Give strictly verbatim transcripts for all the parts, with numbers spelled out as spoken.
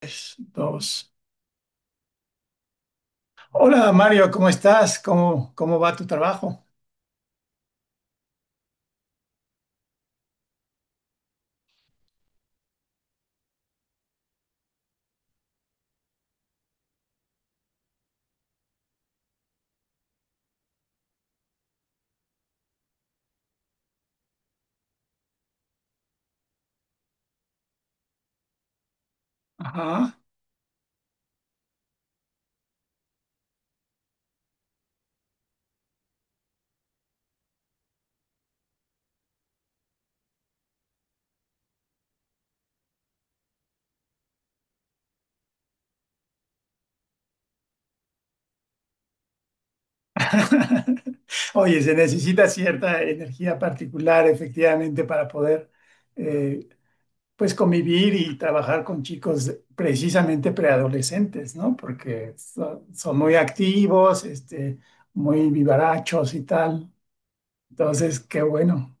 Tres, dos. Hola Mario, ¿cómo estás? ¿Cómo, cómo va tu trabajo? Ajá. Oye, se necesita cierta energía particular, efectivamente, para poder eh, pues convivir y trabajar con chicos precisamente preadolescentes, ¿no? Porque so- son muy activos, este, muy vivarachos y tal. Entonces, qué bueno,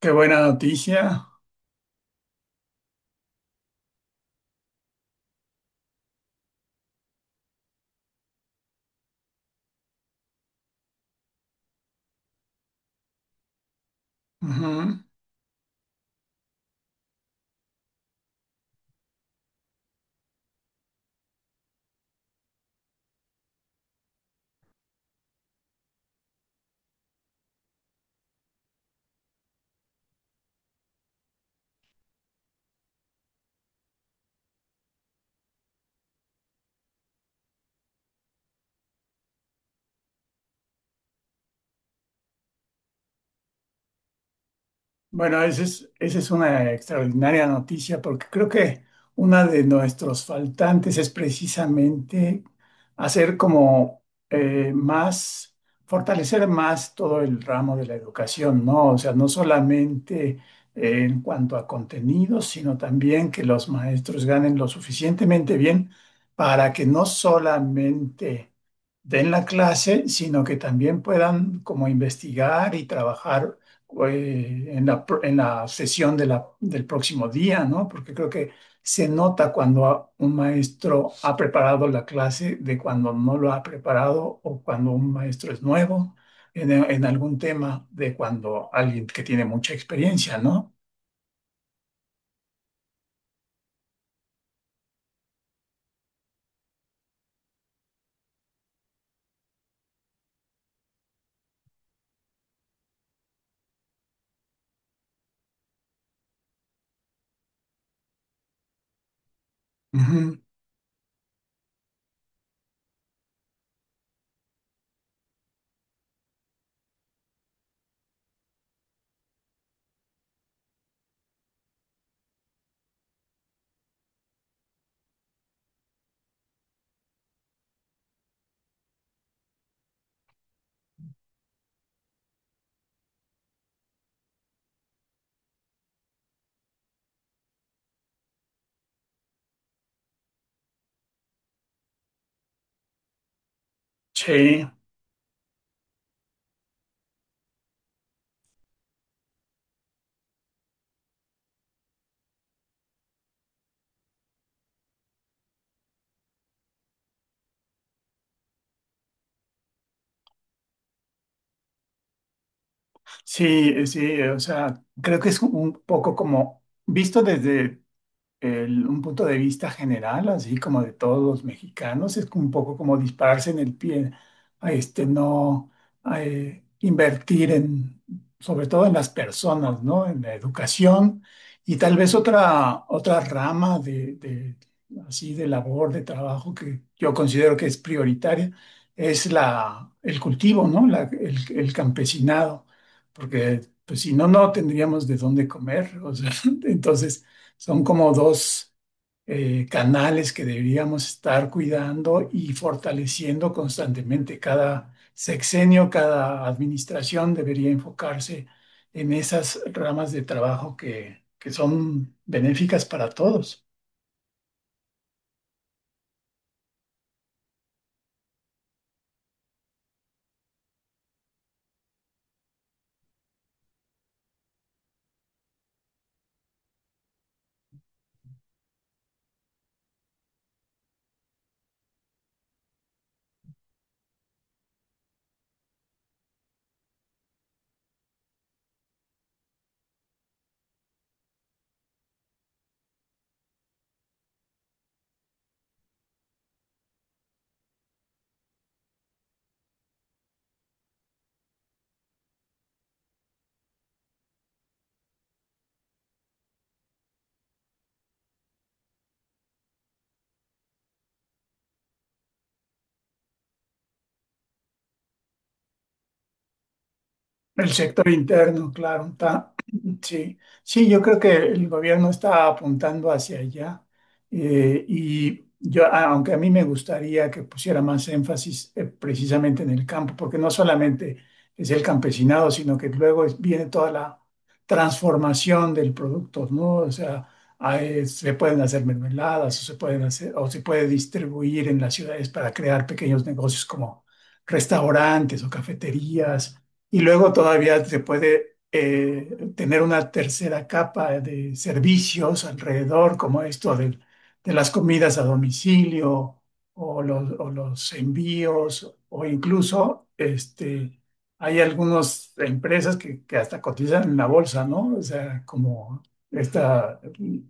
qué buena noticia. Ujú. Bueno, esa es, esa es una extraordinaria noticia porque creo que una de nuestros faltantes es precisamente hacer como eh, más, fortalecer más todo el ramo de la educación, ¿no? O sea, no solamente eh, en cuanto a contenidos, sino también que los maestros ganen lo suficientemente bien para que no solamente den la clase, sino que también puedan como investigar y trabajar eh, en la, pr- en la sesión de la- del próximo día, ¿no? Porque creo que se nota cuando a- un maestro ha preparado la clase de cuando no lo ha preparado o cuando un maestro es nuevo en, en algún tema de cuando alguien que tiene mucha experiencia, ¿no? Ujú. Sí, sí, sí, o sea, creo que es un poco como visto desde el- un punto de vista general, así como de todos los mexicanos, es como un poco como dispararse en el pie, a este, no a, eh, invertir en, sobre todo en las personas, ¿no? En la educación y tal vez otra, otra rama de, de, así, de labor, de trabajo que yo considero que es prioritaria, es la, el cultivo, ¿no? La- el, el campesinado, porque pues si no, no tendríamos de dónde comer, o sea, entonces... Son como dos eh, canales que deberíamos estar cuidando y fortaleciendo constantemente. Cada sexenio, cada administración debería enfocarse en esas ramas de trabajo que, que son benéficas para todos. El sector interno, claro, está- sí, sí, yo creo que el gobierno está apuntando hacia allá eh, y yo, a- aunque a mí me gustaría que pusiera más énfasis eh, precisamente en el campo, porque no solamente es el campesinado, sino que luego es- viene toda la transformación del producto, ¿no? O sea, hay- se pueden hacer mermeladas o se pueden hacer o se puede distribuir en las ciudades para crear pequeños negocios como restaurantes o cafeterías y luego todavía se puede eh, tener una tercera capa de servicios alrededor, como esto del- de, las comidas a domicilio o los, o los envíos, o incluso este, hay algunas empresas que, que hasta cotizan en la bolsa, ¿no? O sea, como esta eh,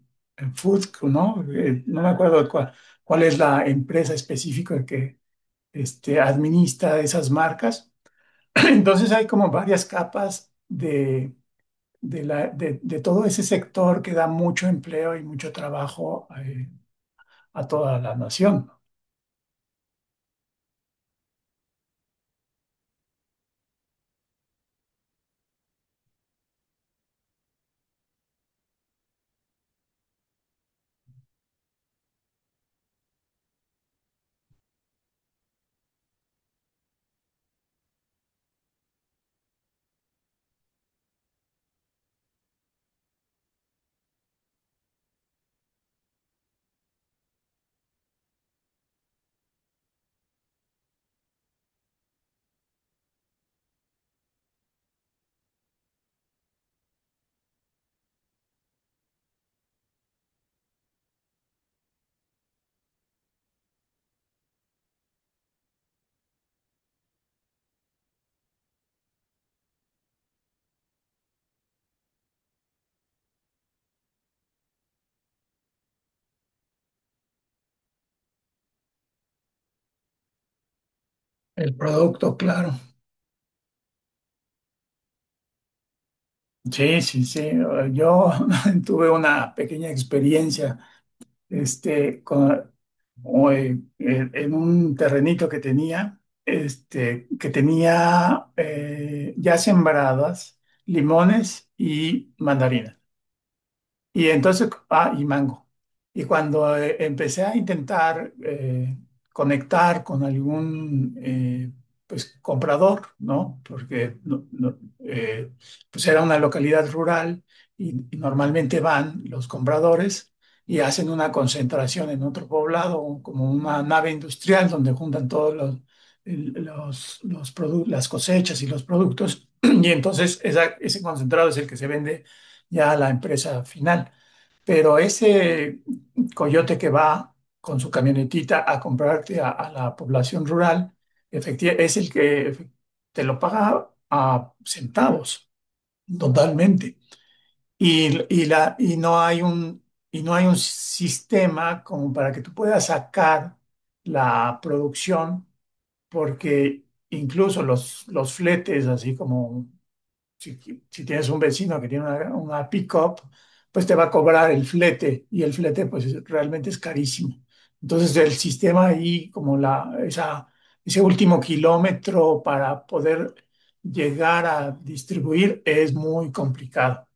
Food, ¿no? Eh, no me acuerdo cuál, cuál es la empresa específica que este, administra esas marcas. Entonces hay como varias capas de, de, la- de- de todo ese sector que da mucho empleo y mucho trabajo eh, a toda la nación. ¿No? El producto, claro. Sí, sí, sí. Yo tuve una pequeña experiencia este, con, o en, en- en un terrenito que tenía, este, que tenía eh, ya sembradas limones y mandarinas. Y entonces, ah, y mango. Y cuando eh, empecé a intentar eh, conectar con algún eh, pues, comprador, ¿no? Porque no- no, eh, pues era una localidad rural y, y normalmente van los compradores y hacen una concentración en otro poblado, un- como una nave industrial donde juntan todos los, el- los, los produ- las cosechas y los productos. Y entonces esa- ese concentrado es el que se vende ya a la empresa final. Pero ese coyote que va con su camionetita a comprarte a, a la población rural, efectivamente, es el que te lo paga a centavos, totalmente. Y, y la, y no hay un, y no hay un sistema como para que tú puedas sacar la producción, porque incluso los, los fletes, así como si, si tienes un vecino que tiene una, una pick-up, pues te va a cobrar el flete y el flete pues es- realmente es carísimo. Entonces el sistema ahí, como la, esa, ese último kilómetro para poder llegar a distribuir es muy complicado.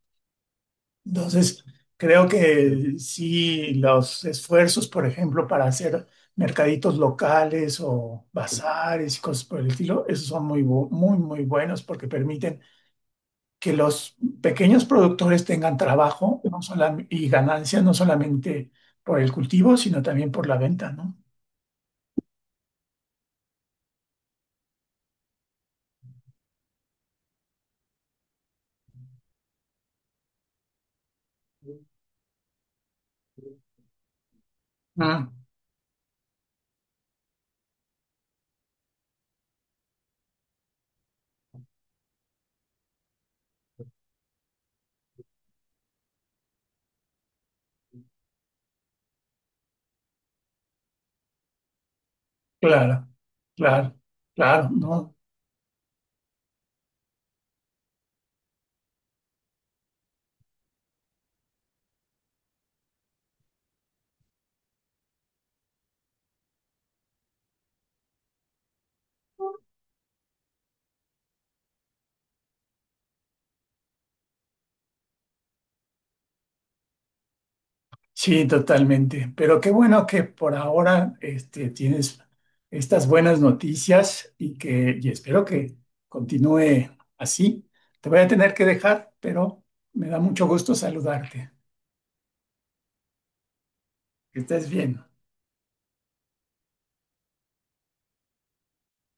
Entonces creo que sí, los esfuerzos, por ejemplo, para hacer mercaditos locales o bazares y cosas por el estilo, esos son muy, bu- muy, muy buenos porque permiten que los pequeños productores tengan trabajo no solam- y ganancias no solamente por el cultivo, sino también por la venta, ¿no? Ah, claro, claro, claro, ¿no? Sí, totalmente. Pero qué bueno que por ahora este, tienes estas buenas noticias y que y espero que continúe así. Te voy a tener que dejar, pero me da mucho gusto saludarte. Que estés bien.